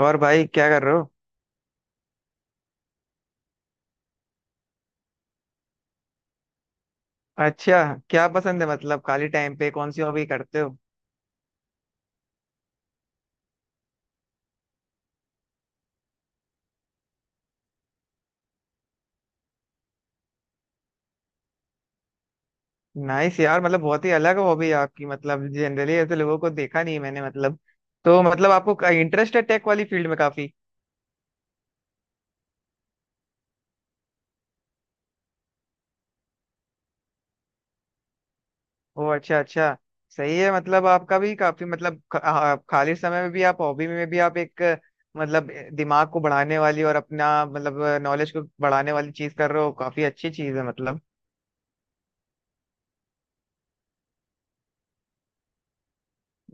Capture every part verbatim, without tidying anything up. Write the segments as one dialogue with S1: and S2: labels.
S1: और भाई क्या कर रहे हो। अच्छा, क्या पसंद है मतलब खाली टाइम पे कौन सी हॉबी करते हो? नाइस यार, मतलब बहुत ही अलग हॉबी है आपकी, मतलब जनरली ऐसे लोगों को देखा नहीं है मैंने, मतलब तो मतलब आपको इंटरेस्ट है टेक वाली फील्ड में काफी। ओ अच्छा अच्छा, सही है। मतलब आपका भी काफी मतलब ख- आ, खाली समय में भी आप हॉबी में भी आप एक अ, मतलब अ, दिमाग को बढ़ाने वाली और अपना मतलब नॉलेज को बढ़ाने वाली चीज कर रहे हो, काफी अच्छी चीज है मतलब।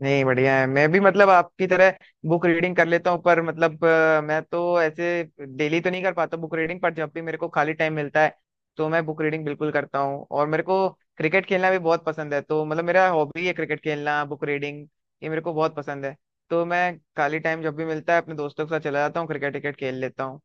S1: नहीं, बढ़िया है। मैं भी मतलब आपकी तरह बुक रीडिंग कर लेता हूँ, पर मतलब अ, मैं तो ऐसे डेली तो नहीं कर पाता बुक रीडिंग, पर जब भी मेरे को खाली टाइम मिलता है तो मैं बुक रीडिंग बिल्कुल करता हूँ। और मेरे को क्रिकेट खेलना भी बहुत पसंद है, तो मतलब मेरा हॉबी है क्रिकेट खेलना, बुक रीडिंग, ये मेरे को बहुत पसंद है। तो मैं खाली टाइम जब भी मिलता है अपने दोस्तों के साथ चला जाता हूँ, क्रिकेट क्रिकेट खेल लेता हूँ।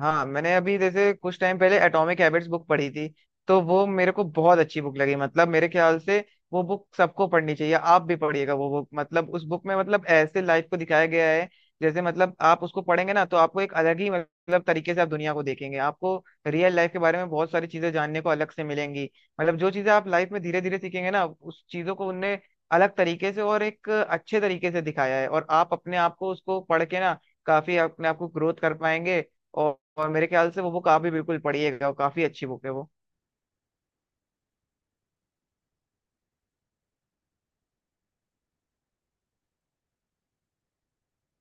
S1: हाँ, मैंने अभी जैसे कुछ टाइम पहले एटॉमिक हैबिट्स बुक पढ़ी थी, तो वो मेरे को बहुत अच्छी बुक लगी। मतलब मेरे ख्याल से वो बुक सबको पढ़नी चाहिए, आप भी पढ़िएगा वो बुक। मतलब उस बुक में मतलब ऐसे लाइफ को दिखाया गया है, जैसे मतलब आप उसको पढ़ेंगे ना तो आपको एक अलग ही मतलब तरीके से आप दुनिया को देखेंगे। आपको रियल लाइफ के बारे में बहुत सारी चीजें जानने को अलग से मिलेंगी। मतलब जो चीजें आप लाइफ में धीरे धीरे सीखेंगे ना उस चीजों को उनने अलग तरीके से और एक अच्छे तरीके से दिखाया है, और आप अपने आप को उसको पढ़ के ना काफी अपने आप को ग्रोथ कर पाएंगे। और, और मेरे ख्याल से वो बुक आप भी बिल्कुल पढ़िएगा, वो काफी अच्छी बुक है वो।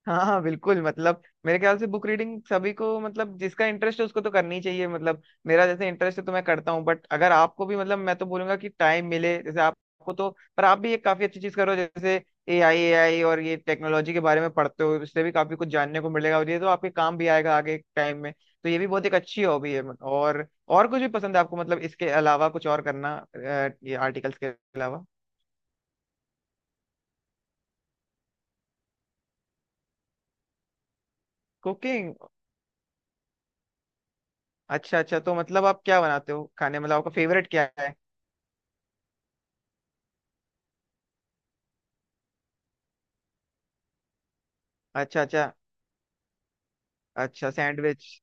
S1: हाँ हाँ बिल्कुल, मतलब मेरे ख्याल से बुक रीडिंग सभी को मतलब जिसका इंटरेस्ट है उसको तो करनी चाहिए। मतलब मेरा जैसे इंटरेस्ट है तो मैं करता हूँ, बट अगर आपको भी मतलब, मैं तो बोलूंगा कि टाइम मिले जैसे आपको तो पर आप भी एक काफी अच्छी चीज करो, जैसे ए आई, ए आई और ये टेक्नोलॉजी के बारे में पढ़ते हो, इससे भी काफी कुछ जानने को मिलेगा और ये तो आपके काम भी आएगा आगे टाइम में। तो ये भी बहुत एक अच्छी हॉबी है मतलब। और और कुछ भी पसंद है आपको मतलब इसके अलावा कुछ और करना अ, ये आर्टिकल्स के अलावा? कुकिंग? अच्छा अच्छा, तो मतलब आप क्या बनाते हो खाने, मतलब आपका फेवरेट क्या है? अच्छा अच्छा। अच्छा, सैंडविच।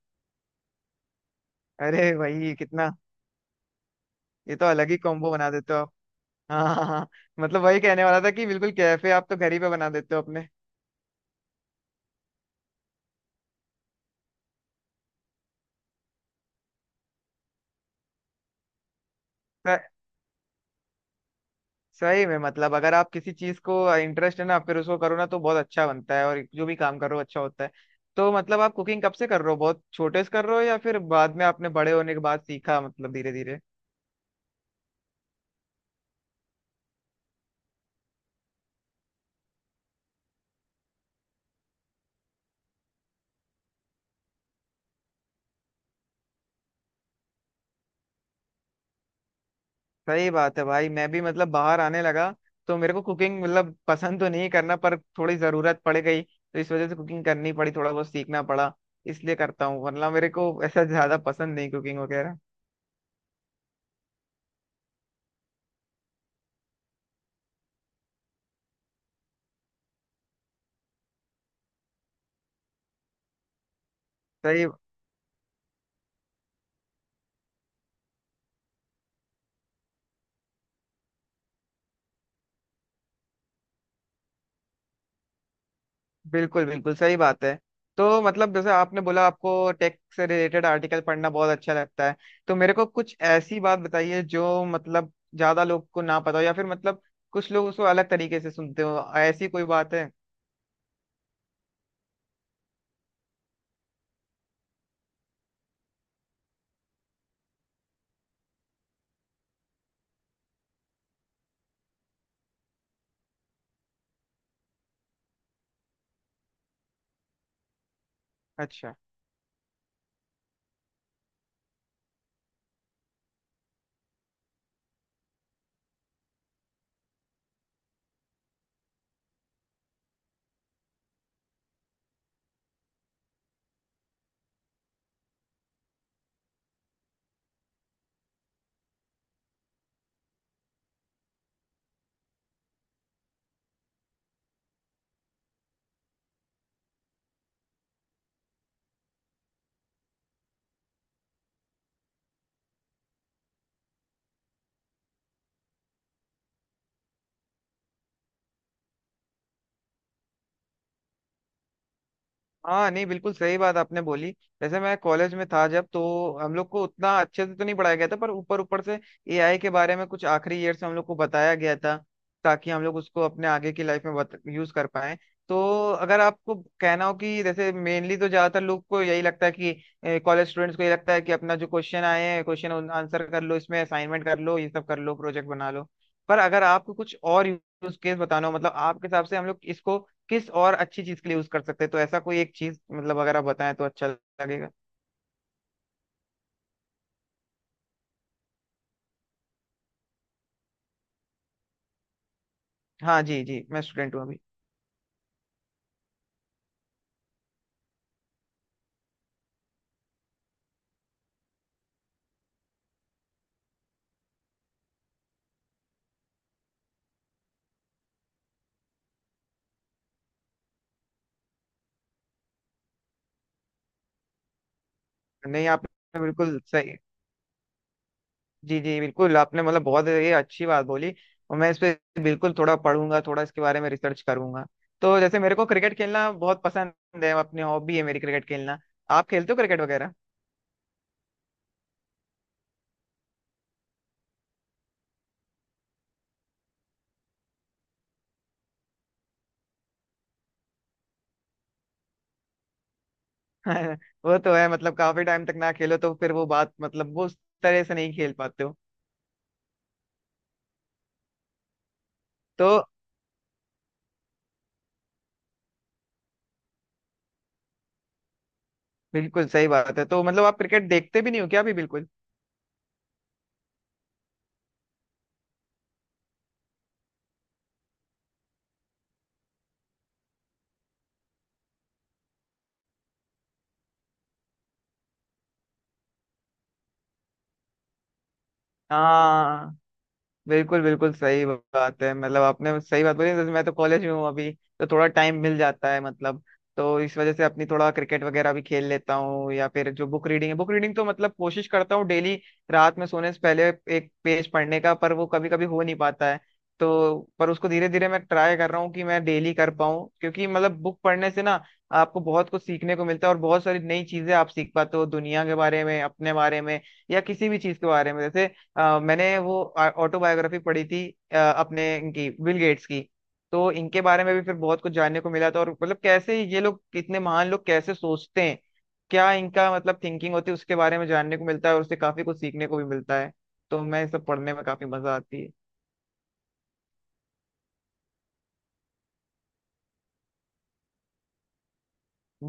S1: अरे भाई कितना, ये तो अलग ही कॉम्बो बना देते हो आप। हाँ हाँ हाँ, मतलब वही कहने वाला था कि बिल्कुल कैफे आप तो घर ही पे बना देते हो अपने। स- सही में मतलब अगर आप किसी चीज को इंटरेस्ट है ना फिर उसको करो ना तो बहुत अच्छा बनता है, और जो भी काम करो अच्छा होता है। तो मतलब आप कुकिंग कब से कर रहे हो, बहुत छोटे से कर रहे हो या फिर बाद में आपने बड़े होने के बाद सीखा, मतलब धीरे धीरे? सही बात है भाई, मैं भी मतलब बाहर आने लगा तो मेरे को कुकिंग मतलब पसंद तो नहीं करना, पर थोड़ी जरूरत पड़ गई तो इस वजह से कुकिंग करनी पड़ी, थोड़ा बहुत सीखना पड़ा, इसलिए करता हूँ। वरना मेरे को ऐसा ज्यादा पसंद नहीं कुकिंग वगैरह। सही, बिल्कुल बिल्कुल सही बात है। तो मतलब जैसे आपने बोला आपको टेक से रिलेटेड आर्टिकल पढ़ना बहुत अच्छा लगता है, तो मेरे को कुछ ऐसी बात बताइए जो मतलब ज्यादा लोग को ना पता हो या फिर मतलब कुछ लोग उसको अलग तरीके से सुनते हो, ऐसी कोई बात है? अच्छा। हाँ नहीं, बिल्कुल सही बात आपने बोली। जैसे मैं कॉलेज में था जब तो हम लोग को उतना अच्छे से तो नहीं पढ़ाया गया था, पर ऊपर ऊपर से ए आई के बारे में कुछ आखिरी ईयर से हम लोग को बताया गया था, ताकि हम लोग उसको अपने आगे की लाइफ में बत, यूज कर पाए। तो अगर आपको कहना हो कि जैसे मेनली तो ज्यादातर लोग को यही लगता है, कि कॉलेज स्टूडेंट्स को यही लगता है कि अपना जो क्वेश्चन आए हैं क्वेश्चन आंसर कर लो, इसमें असाइनमेंट कर लो, ये सब कर लो, प्रोजेक्ट बना लो, पर अगर आपको कुछ और यूज केस बताना हो मतलब आपके हिसाब से हम लोग इसको किस और अच्छी चीज के लिए यूज कर सकते हैं, तो ऐसा कोई एक चीज मतलब अगर आप बताएं तो अच्छा लगेगा। हाँ जी जी, मैं स्टूडेंट हूँ अभी। नहीं, आपने बिल्कुल सही, जी जी बिल्कुल, आपने मतलब बहुत ये अच्छी बात बोली, और मैं इस पे बिल्कुल थोड़ा पढ़ूंगा, थोड़ा इसके बारे में रिसर्च करूंगा। तो जैसे मेरे को क्रिकेट खेलना बहुत पसंद है, अपनी हॉबी है मेरी क्रिकेट खेलना, आप खेलते हो क्रिकेट वगैरह? वो तो है, मतलब काफी टाइम तक ना खेलो तो फिर वो बात मतलब वो उस तरह से नहीं खेल पाते हो। तो बिल्कुल सही बात है। तो मतलब आप क्रिकेट देखते भी नहीं हो क्या अभी बिल्कुल? हाँ, बिल्कुल बिल्कुल सही बात है, मतलब आपने सही बात बोली। जैसे मैं तो कॉलेज में हूँ अभी, तो थोड़ा टाइम मिल जाता है मतलब, तो इस वजह से अपनी थोड़ा क्रिकेट वगैरह भी खेल लेता हूँ, या फिर जो बुक रीडिंग है बुक रीडिंग तो मतलब कोशिश करता हूँ डेली रात में सोने से पहले एक पेज पढ़ने का, पर वो कभी कभी हो नहीं पाता है। तो पर उसको धीरे धीरे मैं ट्राई कर रहा हूँ कि मैं डेली कर पाऊँ, क्योंकि मतलब बुक पढ़ने से ना आपको बहुत कुछ सीखने को मिलता है, और बहुत सारी नई चीजें आप सीख पाते हो दुनिया के बारे में, अपने बारे में या किसी भी चीज के बारे में। जैसे अ, मैंने वो ऑटोबायोग्राफी पढ़ी थी अ, अपने इनकी, बिल गेट्स की, तो इनके बारे में भी फिर बहुत कुछ जानने को मिला था। और मतलब कैसे ये लोग इतने महान लोग कैसे सोचते हैं, क्या इनका मतलब थिंकिंग होती है, उसके बारे में जानने को मिलता है और उससे काफी कुछ सीखने को भी मिलता है। तो मैं ये सब पढ़ने में काफी मजा आती है।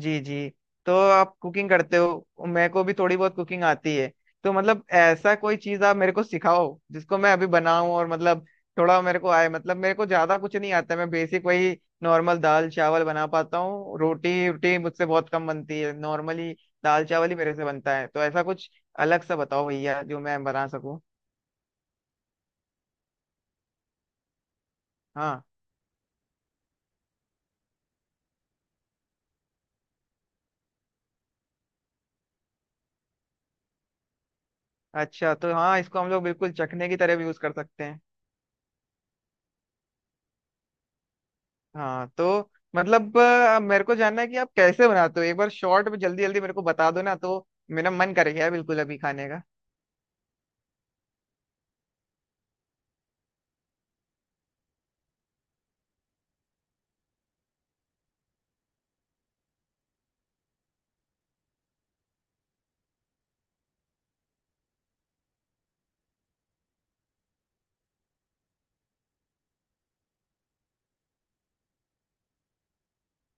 S1: जी जी। तो आप कुकिंग करते हो, मेरे को भी थोड़ी बहुत कुकिंग आती है। तो मतलब ऐसा कोई चीज आप मेरे को सिखाओ जिसको मैं अभी बनाऊं और मतलब थोड़ा मेरे को आए, मतलब मेरे को ज्यादा कुछ नहीं आता, मैं बेसिक वही नॉर्मल दाल चावल बना पाता हूँ, रोटी रोटी मुझसे बहुत कम बनती है नॉर्मली, दाल चावल ही मेरे से बनता है। तो ऐसा कुछ अलग सा बताओ भैया जो मैं बना सकूं। हाँ, अच्छा तो हाँ, इसको हम लोग बिल्कुल चखने की तरह भी यूज कर सकते हैं। हाँ, तो मतलब अ, मेरे को जानना है कि आप कैसे बनाते हो, एक बार शॉर्ट में जल्दी जल्दी मेरे को बता दो ना, तो मेरा मन कर गया है बिल्कुल अभी खाने का।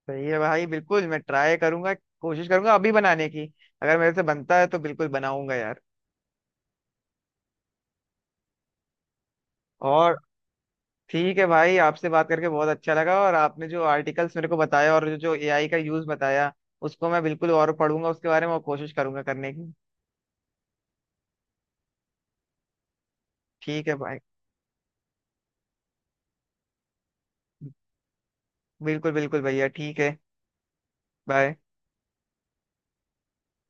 S1: सही है भाई, बिल्कुल मैं ट्राई करूंगा, कोशिश करूंगा अभी बनाने की, अगर मेरे से बनता है तो बिल्कुल बनाऊंगा यार। और ठीक है भाई, आपसे बात करके बहुत अच्छा लगा, और आपने जो आर्टिकल्स मेरे को बताया और जो जो ए आई का यूज बताया उसको मैं बिल्कुल और पढ़ूंगा, उसके बारे में और कोशिश करूंगा करने की। ठीक है भाई, बिल्कुल बिल्कुल भैया, ठीक है, बाय।